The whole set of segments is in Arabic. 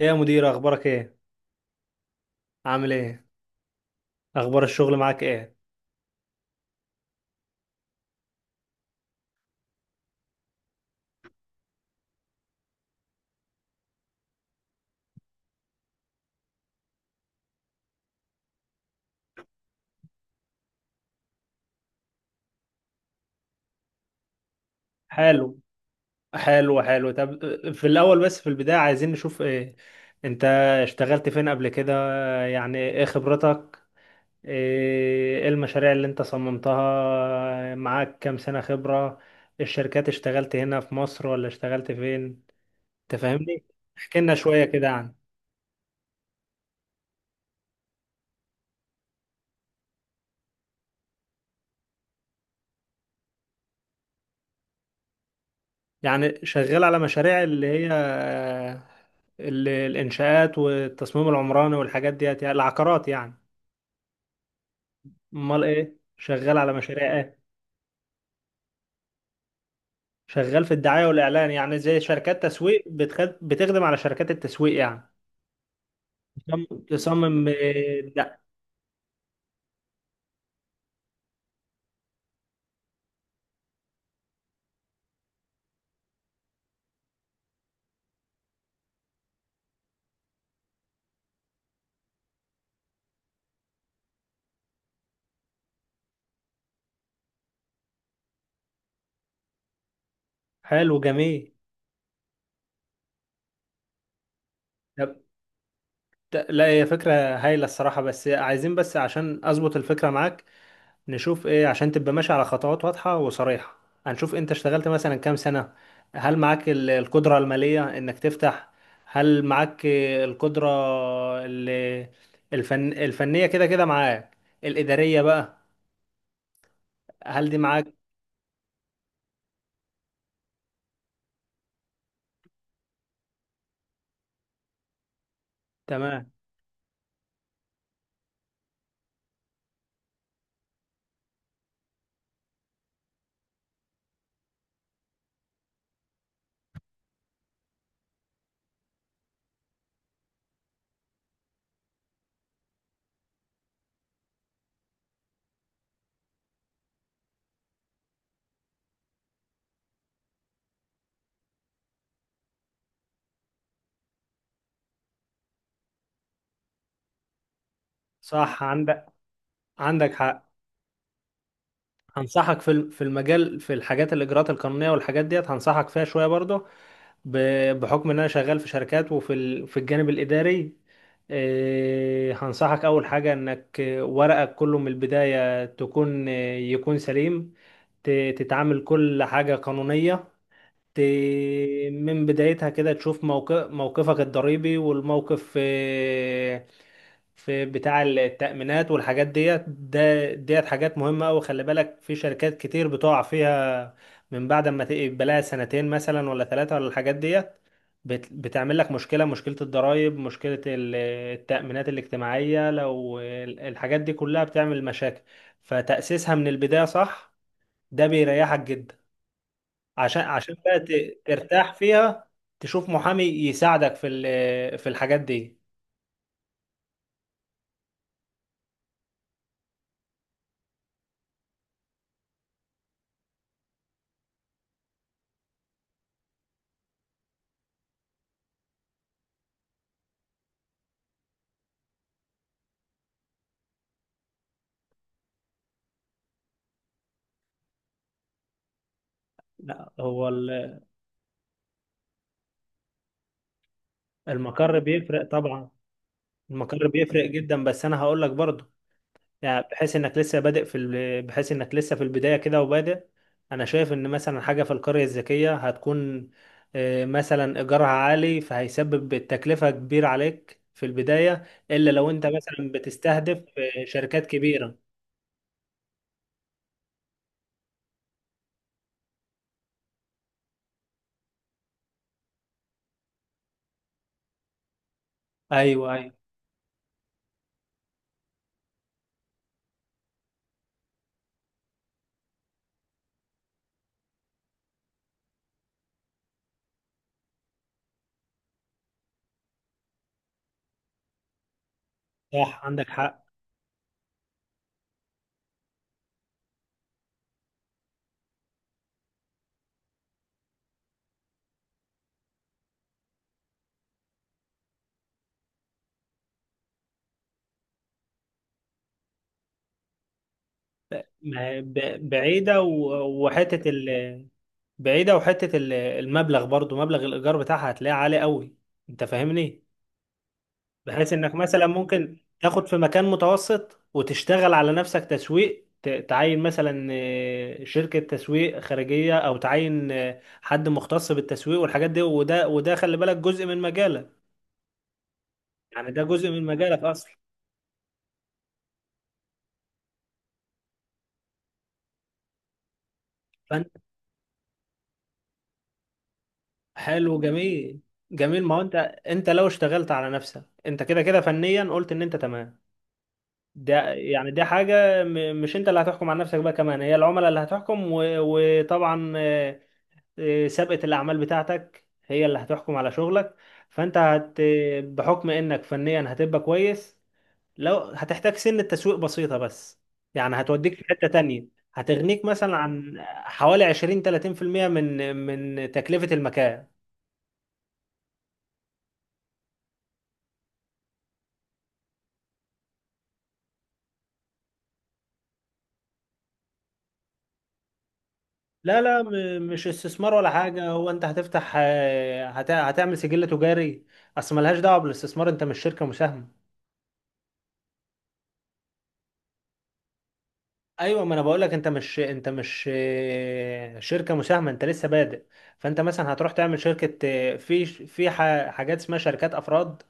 إيه يا مدير، اخبارك ايه؟ عامل ايه؟ اخبار الشغل معاك ايه؟ حلو، حلو حلو. طب، في الاول، بس في البداية عايزين نشوف ايه. انت اشتغلت فين قبل كده؟ يعني ايه خبرتك؟ إيه المشاريع اللي انت صممتها؟ معاك كام سنة خبرة؟ الشركات اشتغلت هنا في مصر ولا اشتغلت فين؟ تفهمني. احكي لنا شوية كده عنك. يعني شغال على مشاريع اللي هي الانشاءات والتصميم العمراني والحاجات ديت، يعني العقارات يعني؟ امال ايه؟ شغال على مشاريع ايه؟ شغال في الدعايه والاعلان، يعني زي شركات تسويق بتخدم على شركات التسويق يعني؟ تصمم تصمم، لا. حلو، جميل. طب، لا، هي فكره هايله الصراحه، بس عايزين بس عشان اظبط الفكره معاك. نشوف ايه عشان تبقى ماشي على خطوات واضحة وصريحة. هنشوف انت اشتغلت مثلا كام سنة. هل معاك القدرة المالية انك تفتح؟ هل معاك القدرة ال- الفنية؟ كده كده معاك الإدارية بقى، هل دي معاك؟ تمام، صح. عندك حق. هنصحك في في المجال، في الحاجات الإجراءات القانونية والحاجات ديت، هنصحك فيها شوية برضه. بحكم ان انا شغال في شركات، وفي في الجانب الاداري. هنصحك اول حاجه انك ورقك كله من البدايه تكون يكون سليم. تتعامل كل حاجه قانونيه من بدايتها كده، تشوف موقفك الضريبي، والموقف في في بتاع التأمينات والحاجات ديت. ديت حاجات مهمة أوي، خلي بالك، في شركات كتير بتقع فيها من بعد ما تبقى لها سنتين مثلا ولا ثلاثة ولا الحاجات ديت. بتعمل لك مشكلة، مشكلة الضرائب، مشكلة التأمينات الاجتماعية، لو الحاجات دي كلها بتعمل مشاكل. فتأسيسها من البداية صح، ده بيريحك جدا، عشان ترتاح فيها. تشوف محامي يساعدك في في الحاجات دي. لا هو المقر بيفرق طبعا. المقر بيفرق جدا، بس انا هقول لك برضه، يعني بحيث انك لسه في البداية كده وبادئ. انا شايف ان مثلا حاجة في القرية الذكية هتكون مثلا ايجارها عالي، فهيسبب تكلفة كبيرة عليك في البداية، الا لو انت مثلا بتستهدف شركات كبيرة. ايوه، ايوه. صح، عندك حق. ما- ب- بعيدة و- وحتة ال بعيدة، وحتة المبلغ برضو، مبلغ الإيجار بتاعها هتلاقيه عالي قوي. أنت فاهمني؟ بحيث إنك مثلا ممكن تاخد في مكان متوسط وتشتغل على نفسك تسويق، تعين مثلا شركة تسويق خارجية، أو تعين حد مختص بالتسويق والحاجات دي. وده خلي بالك، جزء من مجالك، يعني ده جزء من مجالك أصلا. فأنت، حلو، جميل. جميل، ما هو أنت، أنت لو اشتغلت على نفسك، أنت كده كده فنيا قلت إن أنت تمام. ده يعني دي حاجة مش انت اللي هتحكم على نفسك بقى، كمان هي العملاء اللي هتحكم، وطبعا سابقة الأعمال بتاعتك هي اللي هتحكم على شغلك. فانت بحكم انك فنيا هتبقى كويس، لو هتحتاج سن التسويق بسيطة بس، يعني هتوديك في حتة تانية. هتغنيك مثلا عن حوالي 20-30% من تكلفة المكان. لا لا، مش استثمار ولا حاجة. هو انت هتفتح هتعمل سجل تجاري. اصل ملهاش دعوة بالاستثمار، انت مش شركة مساهمة. ايوه، ما انا بقول لك، انت مش شركة مساهمة، انت لسه بادئ. فانت مثلا هتروح تعمل شركة، في في حاجات اسمها شركات افراد،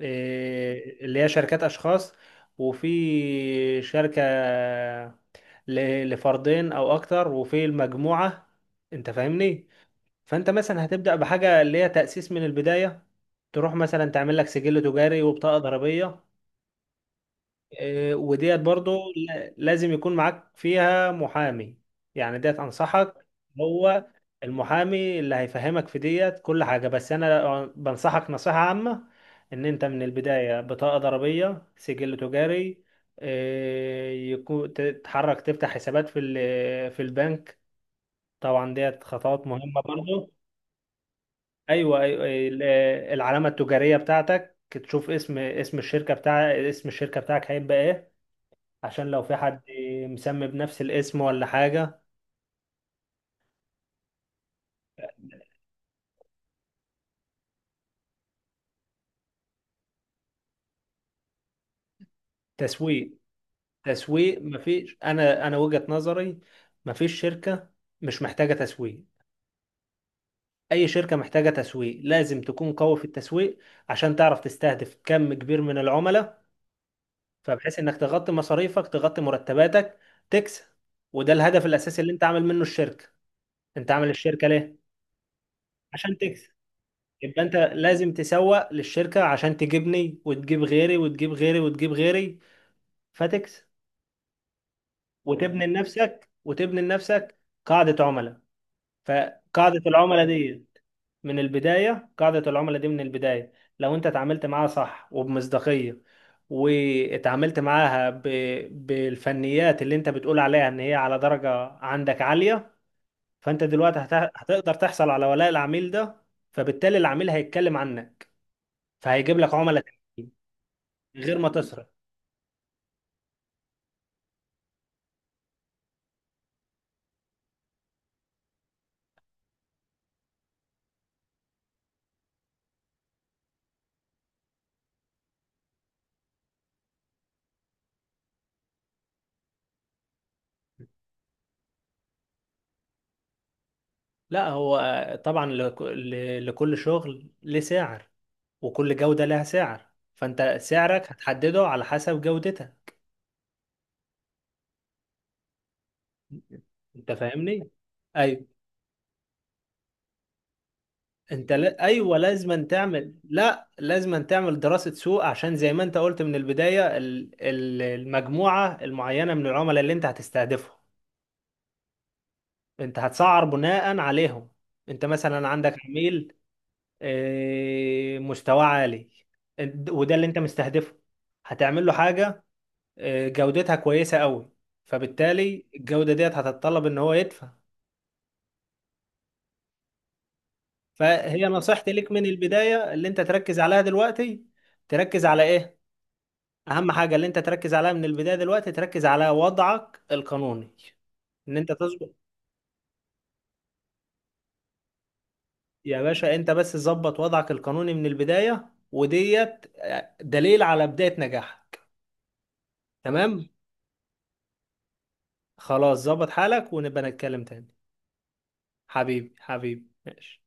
اللي هي شركات اشخاص، وفي شركة، لفردين او اكتر، وفي المجموعة. انت فاهمني؟ فانت مثلا هتبدا بحاجه اللي هي تاسيس من البدايه، تروح مثلا تعمل لك سجل تجاري وبطاقه ضريبيه. وديت برضو لازم يكون معاك فيها محامي، يعني ديت انصحك. هو المحامي اللي هيفهمك في ديت كل حاجه، بس انا بنصحك نصيحه عامه، ان انت من البدايه بطاقه ضريبيه، سجل تجاري، يكون تتحرك تفتح حسابات في في البنك. طبعا ديت خطوات مهمه برضو. ايوه، ايوه العلامه التجاريه بتاعتك، تشوف اسم الشركه بتاعك هيبقى ايه، عشان لو في حد مسمي بنفس الاسم ولا حاجه. تسويق، تسويق. مفيش، انا وجهه نظري، مفيش شركه مش محتاجه تسويق. اي شركه محتاجه تسويق، لازم تكون قوي في التسويق، عشان تعرف تستهدف كم كبير من العملاء، فبحيث انك تغطي مصاريفك، تغطي مرتباتك، تكسب. وده الهدف الاساسي اللي انت عامل منه الشركه. انت عامل الشركه ليه؟ عشان تكسب. يبقى انت لازم تسوق للشركة، عشان تجيبني، وتجيب غيري، وتجيب غيري، وتجيب غيري، فتكسب، وتبني لنفسك، وتبني لنفسك قاعدة عملاء. فقاعدة العملاء دي من البداية، قاعدة العملاء دي من البداية، لو انت اتعاملت معاها صح وبمصداقية، واتعاملت معاها بالفنيات اللي انت بتقول عليها ان هي على درجة عندك عالية، فانت دلوقتي هتقدر تحصل على ولاء العميل ده، فبالتالي العميل هيتكلم عنك، فهيجيب لك عملاء تانيين، غير ما تسرق. لا هو طبعا لكل شغل ليه سعر، وكل جودة لها سعر، فانت سعرك هتحدده على حسب جودتها. انت فاهمني؟ ايوه. انت، لا، ايوه، لازم تعمل لا لازم تعمل دراسة سوق، عشان زي ما انت قلت من البداية المجموعة المعينة من العملاء اللي انت هتستهدفهم، انت هتسعر بناء عليهم. انت مثلا عندك عميل مستواه عالي، وده اللي انت مستهدفه، هتعمل له حاجة جودتها كويسة قوي، فبالتالي الجودة ديت هتتطلب ان هو يدفع. فهي نصيحتي ليك من البداية، اللي انت تركز عليها دلوقتي، تركز على ايه؟ اهم حاجة اللي انت تركز عليها من البداية دلوقتي، تركز على وضعك القانوني. ان انت تظبط، يا باشا، انت بس تظبط وضعك القانوني من البداية، وديت دليل على بداية نجاحك. تمام، خلاص، ظبط حالك ونبقى نتكلم تاني. حبيبي، حبيبي، ماشي.